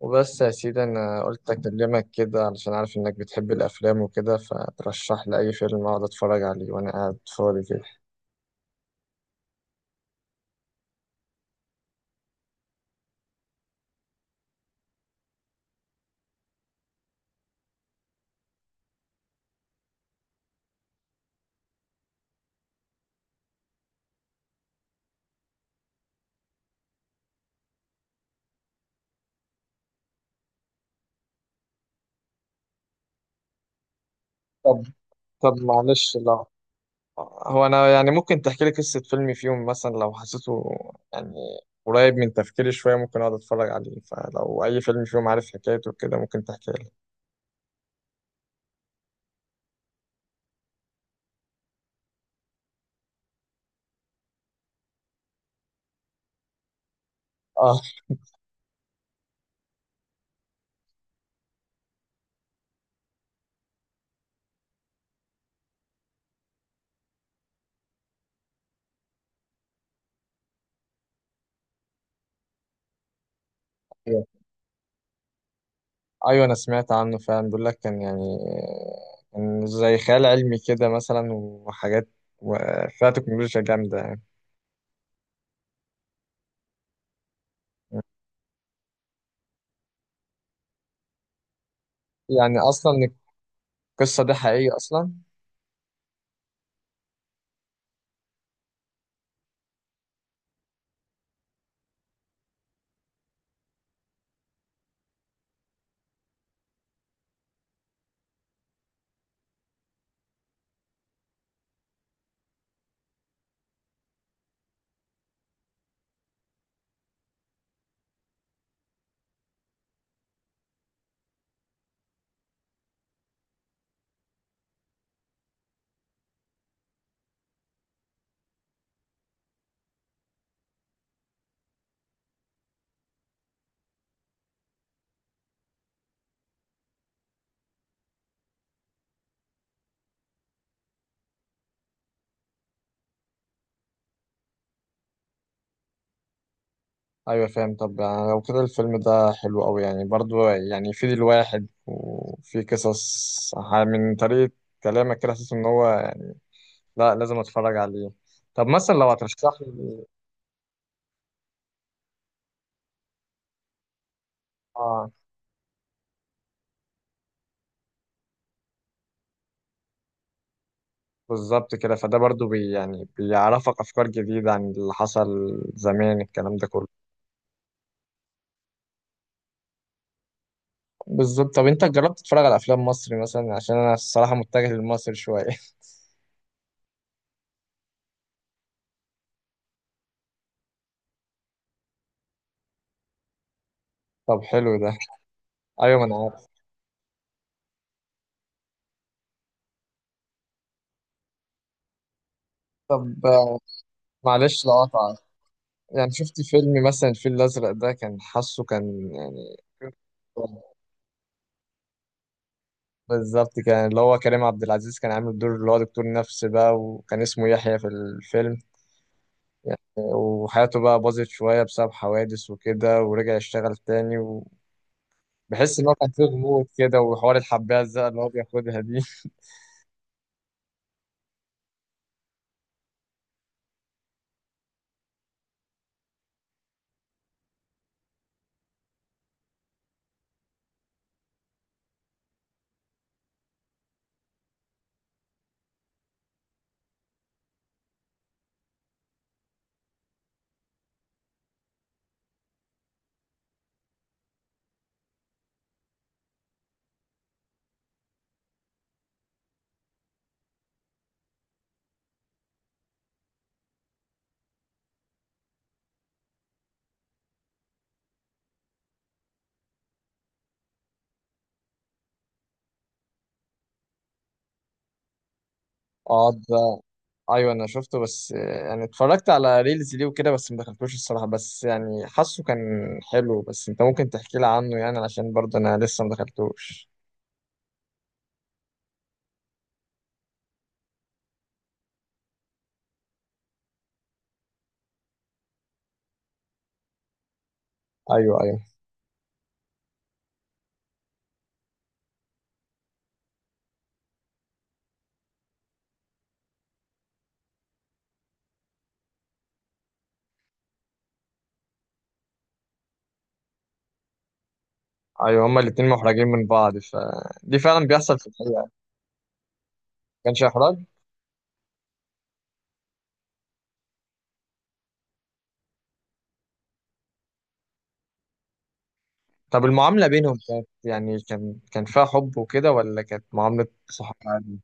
وبس يا سيدي، انا قلت اكلمك كده علشان عارف انك بتحب الافلام وكده، فترشح لي اي فيلم اقعد اتفرج عليه وانا قاعد فاضي كده. طب طب معلش. لا، هو انا يعني ممكن تحكي لي قصة فيلم فيهم مثلا لو حسيته يعني قريب من تفكيري شوية ممكن اقعد اتفرج عليه، فلو اي فيلم فيهم عارف حكايته كده ممكن تحكي لي. اه. ايوه. أيوة، انا سمعت عنه فعلا، بيقول لك كان يعني كان زي خيال علمي كده مثلا وحاجات وفيها تكنولوجيا جامدة يعني. يعني اصلا القصه دي حقيقيه اصلا؟ ايوه فاهم. طب يعني لو كده الفيلم ده حلو قوي يعني، برضو يعني يفيد الواحد وفي قصص من طريقه كلامك كده حاسس ان هو يعني لا، لازم اتفرج عليه. طب مثلا لو هترشح لي. اه، بالظبط كده. فده برضو يعني بيعرفك افكار جديده عن اللي حصل زمان، الكلام ده كله. بالظبط. طب انت جربت تتفرج على افلام مصري مثلا؟ عشان انا الصراحه متجه للمصري شويه. طب حلو ده. ايوه، ما انا عارف. طب معلش لقطع. يعني شفت فيلم مثلا الفيل الأزرق ده؟ كان حاسه كان يعني. بالظبط، كان اللي هو كريم عبد العزيز كان عامل دور اللي هو دكتور نفسي بقى، وكان اسمه يحيى في الفيلم يعني. وحياته بقى باظت شوية بسبب حوادث وكده، ورجع يشتغل تاني، وبحس إن هو كان فيه غموض كده، وحوار الحباية الزرقاء اللي هو بياخدها دي. أقعد. ايوه انا شفته، بس يعني اتفرجت على ريلز ليه وكده، بس ما دخلتوش الصراحه، بس يعني حاسه كان حلو. بس انت ممكن تحكي لي عنه يعني، علشان برضه انا لسه ما دخلتوش. ايوه، ايوه، ايوه، هما الاتنين محرجين من بعض، فدي فعلا بيحصل في الحقيقه، ما كانش احراج. طب المعامله بينهم كانت يعني كان فيها حب وكده، ولا كانت معامله صحاب عادي؟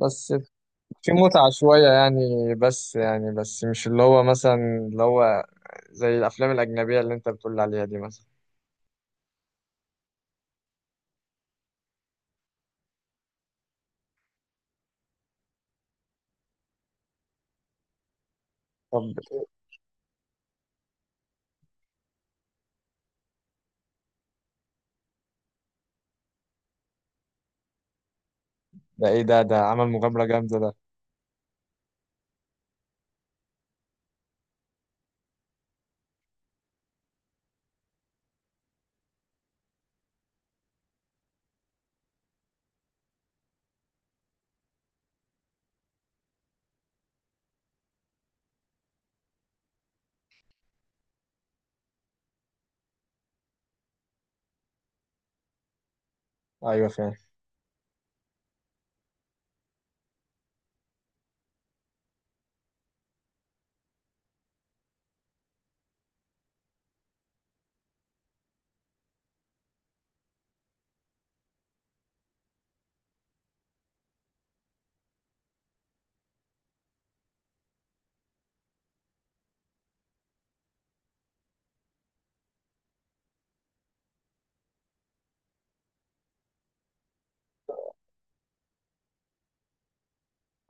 بس في متعه شويه يعني، بس يعني، بس مش اللي هو مثلا، اللي هو زي الافلام الاجنبيه اللي انت بتقول عليها دي مثلا. طب ده ايه؟ ده عمل مغامرة جامدة ده. ايوه فاهم.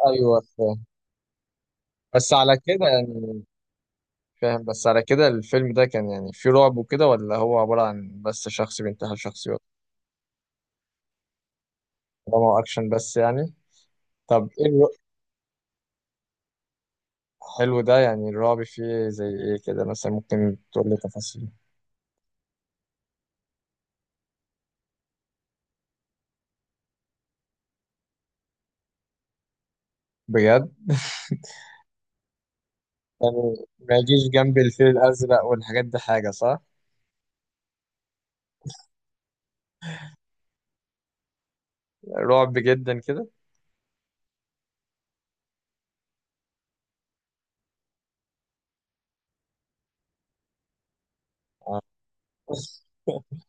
ايوه فاهم، بس على كده يعني. فاهم، بس على كده الفيلم ده كان يعني فيه رعب وكده، ولا هو عبارة عن بس شخص بينتحل شخصيات؟ طالما هو اكشن بس يعني. طب ايه حلو ده. يعني الرعب فيه زي ايه كده مثلا؟ ممكن تقول لي تفاصيل. بجد؟ يعني ما يجيش جنب الفيل الازرق والحاجات دي حاجة، صح؟ رعب جدا كده. آه.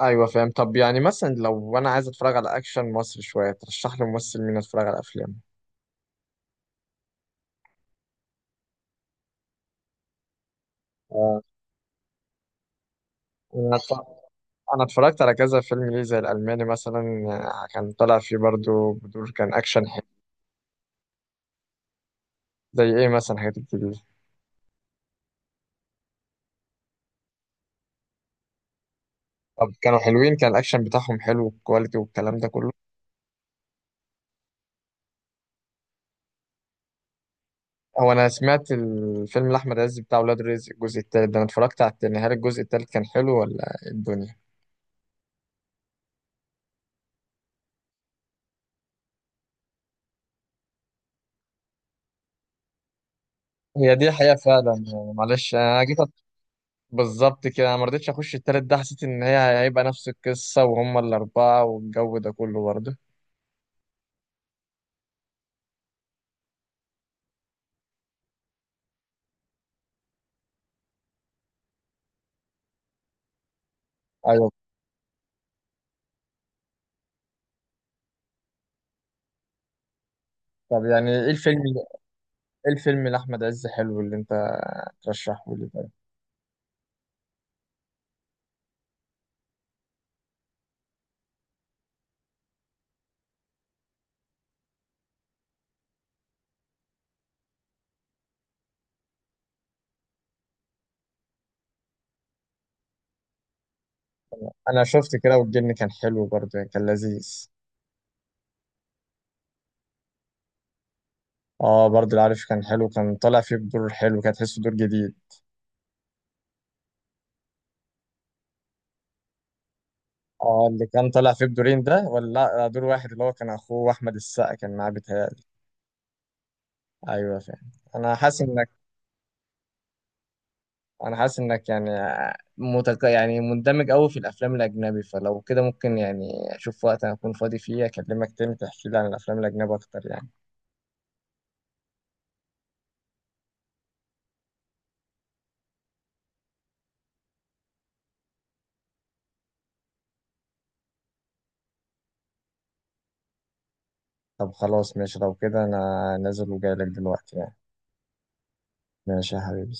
ايوه فاهم. طب يعني مثلا لو انا عايز اتفرج على اكشن مصري شويه ترشح لي ممثل مين اتفرج على افلام؟ آه، انا اتف- أنا اتفرجت على كذا فيلم ليه زي الالماني مثلا. كان طلع فيه برضو بدور، كان اكشن حلو. زي ايه مثلا؟ حاجات كتير. طب كانوا حلوين؟ كان الاكشن بتاعهم حلو والكواليتي والكلام ده كله؟ هو انا سمعت الفيلم لاحمد عز بتاع ولاد رزق الجزء التالت ده، انا اتفرجت على التاني، هل الجزء التالت كان حلو ولا إيه الدنيا؟ هي دي حقيقة فعلا يعني، معلش أنا جيت بالظبط كده، انا ما رضيتش اخش التالت ده، حسيت ان هي هيبقى نفس القصه وهم الاربعه والجو ده كله برضه. ايوه. طب يعني ايه الفيلم لاحمد عز حلو اللي انت ترشحه لي طيب؟ انا شفت كده والجن، كان حلو برضه يعني، كان لذيذ. اه، برضه العارف كان حلو، كان طالع فيه بدور حلو، كان تحسه دور جديد. اه اللي كان طالع فيه بدورين ده، ولا؟ لا دور واحد، اللي هو كان اخوه احمد السقا كان معاه بيتهيألي. ايوه فاهم. انا حاسس ان انا حاسس انك يعني يعني مندمج قوي في الافلام الاجنبي، فلو كده ممكن يعني اشوف وقت انا اكون فاضي فيه اكلمك تاني تحكي لي عن الافلام الاجنبي اكتر يعني. طب خلاص ماشي. لو كده انا نازل وجاي لك دلوقتي يعني. ماشي يا حبيبي.